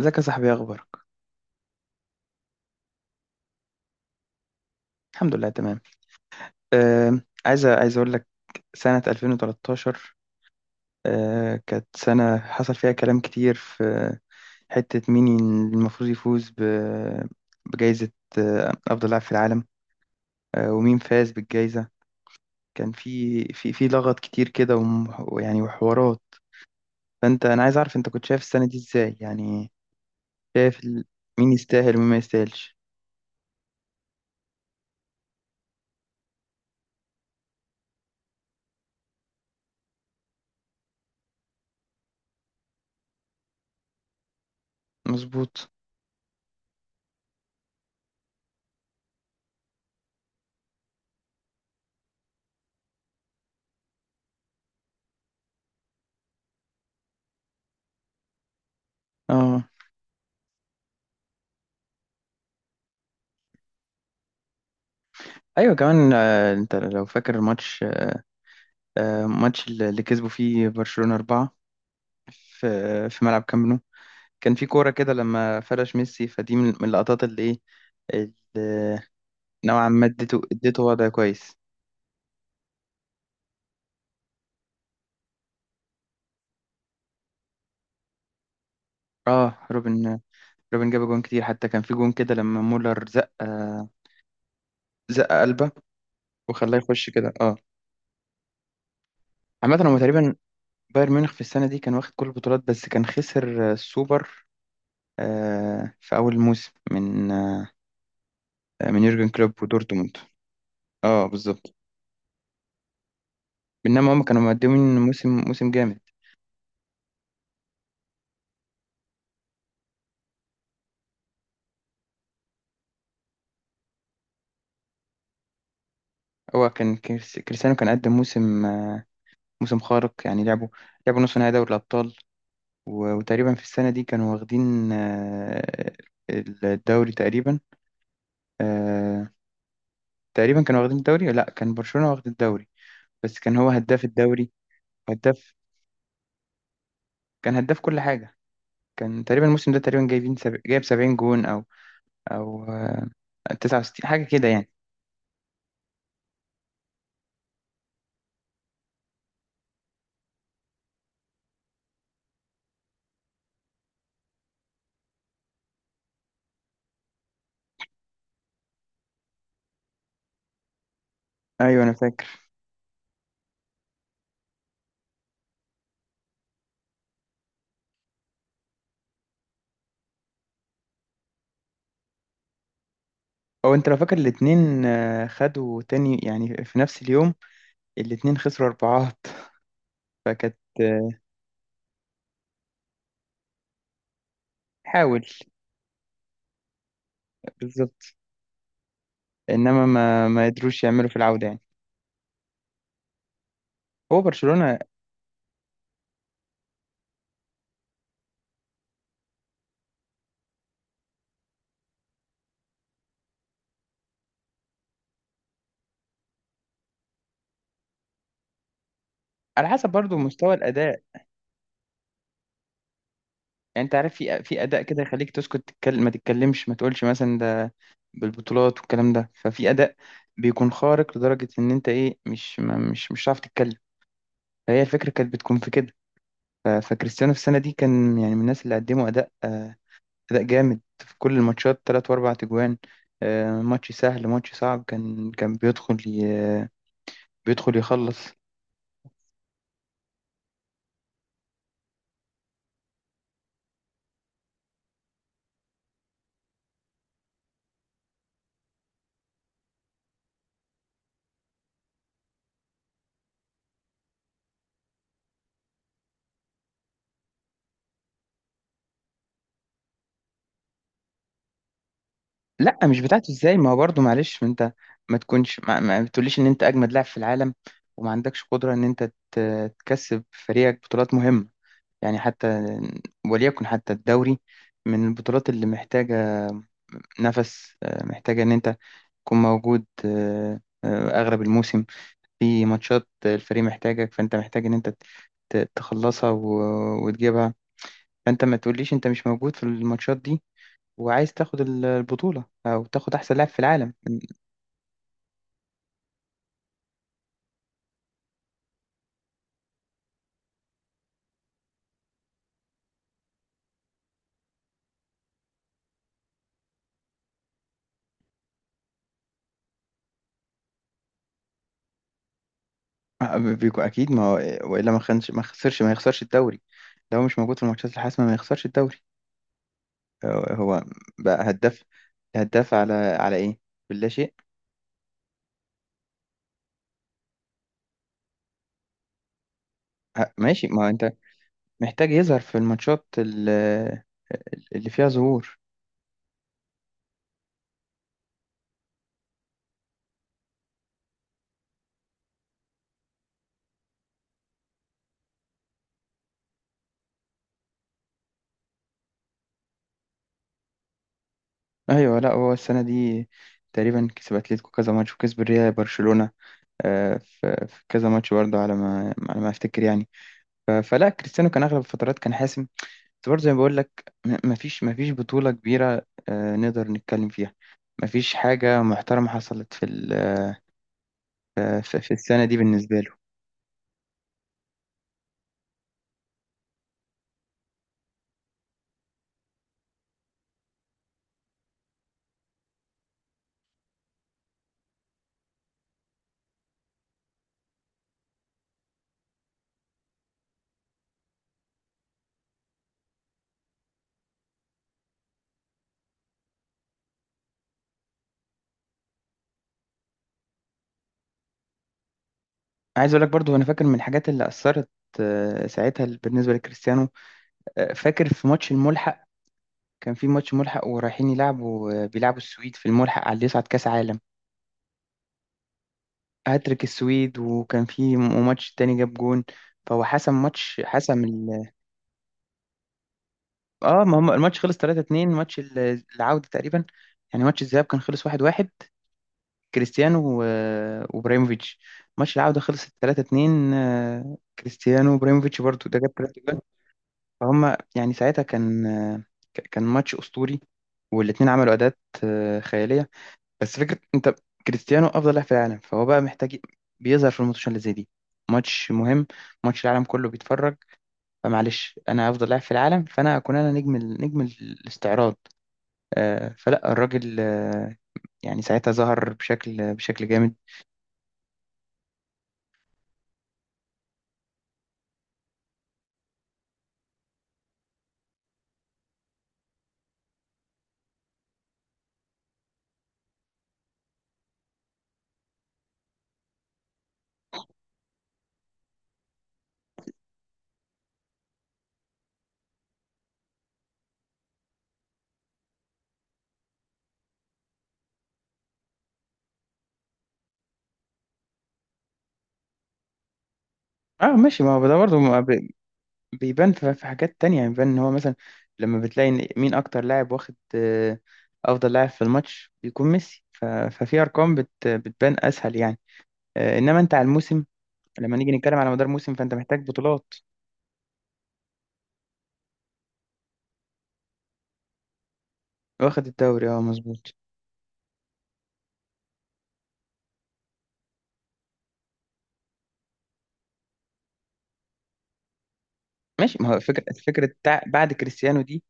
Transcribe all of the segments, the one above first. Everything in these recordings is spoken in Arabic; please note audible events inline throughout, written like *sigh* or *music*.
ازيك يا صاحبي، إيه اخبارك؟ الحمد لله تمام. آه. عايز اقول لك سنة 2013. كانت سنة حصل فيها كلام كتير في حتة مين المفروض يفوز بجائزة افضل لاعب في العالم. ومين فاز بالجائزة؟ كان في لغط كتير كده، ويعني وحوارات. فانت انا عايز اعرف انت كنت شايف السنة دي ازاي يعني؟ شايف ال- مين يستاهل ومين ما يستاهلش. مظبوط. اه، ايوه كمان. انت لو فاكر الماتش، ماتش اللي كسبوا فيه برشلونة أربعة في في ملعب كامب نو. كان في كورة كده لما فرش ميسي فدي، من اللقطات اللي إيه، اللي نوعا ما اديته وضع كويس. اه، روبن روبن جاب جون كتير، حتى كان في جون كده لما مولر زق قلبه وخلاه يخش كده. اه. عامة هو تقريبا بايرن ميونخ في السنة دي كان واخد كل البطولات، بس كان خسر السوبر، في أول موسم من من يورجن كلوب ودورتموند. اه بالظبط. بينما هم كانوا مقدمين موسم موسم جامد. هو كان كريستيانو كان قدم موسم، موسم خارق. يعني لعبوا نص نهائي دوري الأبطال، وتقريبا في السنة دي كانوا واخدين الدوري تقريبا. آه، تقريبا كانوا واخدين الدوري. لا، كان برشلونة واخد الدوري، بس كان هو هداف الدوري. هداف. كان هداف كل حاجة. كان تقريبا الموسم ده تقريبا جايب 70 جون، او او 69 حاجة كده يعني. ايوه انا فاكر. او انت لو فاكر الاتنين خدوا تاني يعني في نفس اليوم، الاتنين خسروا اربعات. فكانت حاول. بالظبط. انما ما قدروش يعملوا في العودة يعني. هو برشلونة. على حسب برضو مستوى الاداء. يعني انت عارف، في اداء كده يخليك تسكت تتكلم، ما تتكلمش ما تقولش مثلا ده بالبطولات والكلام ده، ففي اداء بيكون خارق لدرجة ان انت ايه مش ما مش مش هتعرف تتكلم. فهي الفكرة كانت بتكون في كده. فكريستيانو في السنة دي كان يعني من الناس اللي قدموا اداء، أداء جامد في كل الماتشات، تلات وأربع تجوان. ماتش سهل ماتش صعب، كان بيدخل يخلص. لا مش بتاعته ازاي؟ ما هو برضه معلش، ما انت ما تكونش، ما بتقوليش ان انت اجمد لاعب في العالم وما عندكش قدرة ان انت تكسب فريقك بطولات مهمة. يعني حتى وليكن حتى الدوري، من البطولات اللي محتاجة نفس، محتاجة ان انت تكون موجود اغلب الموسم. في ماتشات الفريق محتاجك، فانت محتاج ان انت تخلصها وتجيبها. فانت ما تقوليش انت مش موجود في الماتشات دي، وعايز تاخد البطولة او تاخد احسن لاعب في العالم. بيكون اكيد ما هو، والا ما خسرش، ما يخسرش الدوري. لو مش موجود في الماتشات الحاسمة ما يخسرش الدوري. هو بقى هداف. هداف على ايه؟ باللا شيء. ماشي، ما هو انت محتاج يظهر في الماتشات اللي فيها ظهور. ايوه، لا هو السنه دي تقريبا كسب اتلتيكو كذا ماتش، وكسب الريال برشلونه في كذا ماتش برضه، على ما افتكر يعني. فلا كريستيانو كان اغلب الفترات كان حاسم، بس برضه زي ما بقول لك، ما فيش بطوله كبيره نقدر نتكلم فيها. ما فيش حاجه محترمه حصلت في في السنه دي بالنسبه له. عايز اقول لك برضه، انا فاكر من الحاجات اللي اثرت ساعتها بالنسبه لكريستيانو. فاكر في ماتش الملحق، كان في ماتش ملحق ورايحين يلعبوا بيلعبوا السويد في الملحق على اللي يصعد كاس عالم. هاتريك السويد، وكان في ماتش تاني جاب جون. فهو حسم ماتش، اه ما هم الماتش خلص 3-2، ماتش العودة تقريبا. يعني ماتش الذهاب كان خلص 1-1، كريستيانو وابراهيموفيتش. ماتش العودة خلص 3-2، كريستيانو وابراهيموفيتش برضو ده جاب 3 جون. فهم يعني ساعتها كان كان ماتش أسطوري، والاتنين عملوا أداءات خيالية. بس فكرة انت كريستيانو افضل لاعب في العالم، فهو بقى محتاج بيظهر في الماتشات اللي زي دي. ماتش مهم، ماتش العالم كله بيتفرج. فمعلش انا افضل لاعب في العالم، فانا اكون انا نجم الاستعراض. فلا الراجل، يعني ساعتها ظهر بشكل جامد. اه ماشي، ما هو ده برضه، ما بي- بيبان في حاجات تانية. يعني بيبان ان هو مثلا لما بتلاقي إن مين اكتر لاعب واخد افضل لاعب في الماتش بيكون ميسي، ففي ارقام بتبان اسهل يعني. انما انت على الموسم، لما نيجي نتكلم على مدار موسم فانت محتاج بطولات. واخد الدوري، اه مظبوط. ماشي ما هو، بعد كريستيانو دي.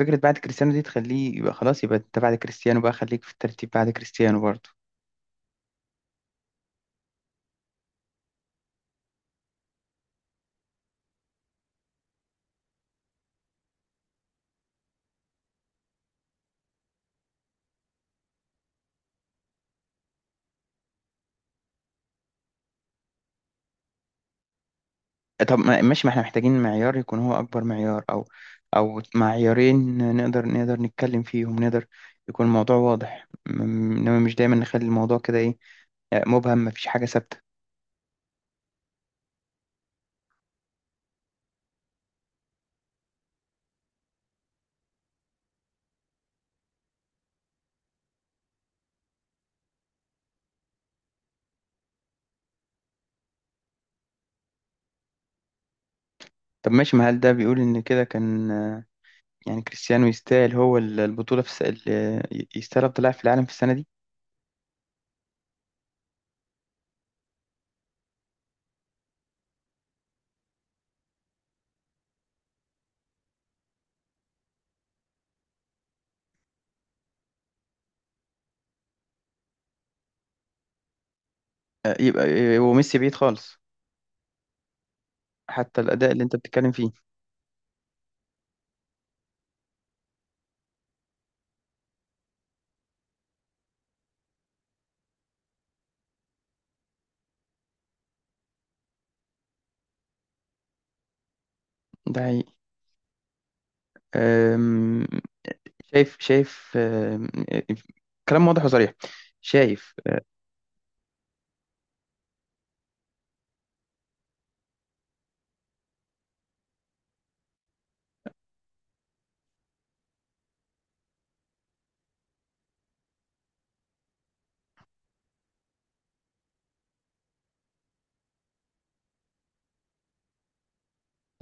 فكرة بعد كريستيانو دي تخليه يبقى خلاص، يبقى انت بعد كريستيانو، بقى خليك في الترتيب بعد كريستيانو برضه. طب ماشي، ما احنا محتاجين معيار يكون هو اكبر معيار، او او معيارين، نقدر نتكلم فيهم، نقدر يكون الموضوع واضح، انما مش دايما نخلي الموضوع كده، ايه، مبهم، مفيش حاجة ثابتة. طب ماشي، ما هل ده بيقول ان كده كان، يعني كريستيانو يستاهل هو ال- البطولة في الس... ال- يستاهل أفضل لاعب في العالم في السنة دي؟ يبقى وميسي بعيد خالص، حتى الأداء اللي أنت بتتكلم فيه. ده حقيقي. آم، شايف، شايف آم، آه، كلام واضح وصريح. شايف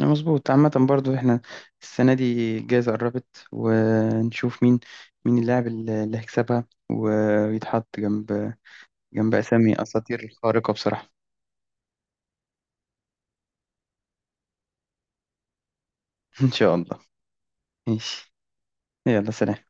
مظبوط. عامة برضو احنا السنة دي الجائزة قربت، ونشوف مين، مين اللاعب اللي هيكسبها ويتحط جنب، أسامي أساطير خارقة بصراحة. *laughs* إن شاء الله. ماشي، يلا سلام.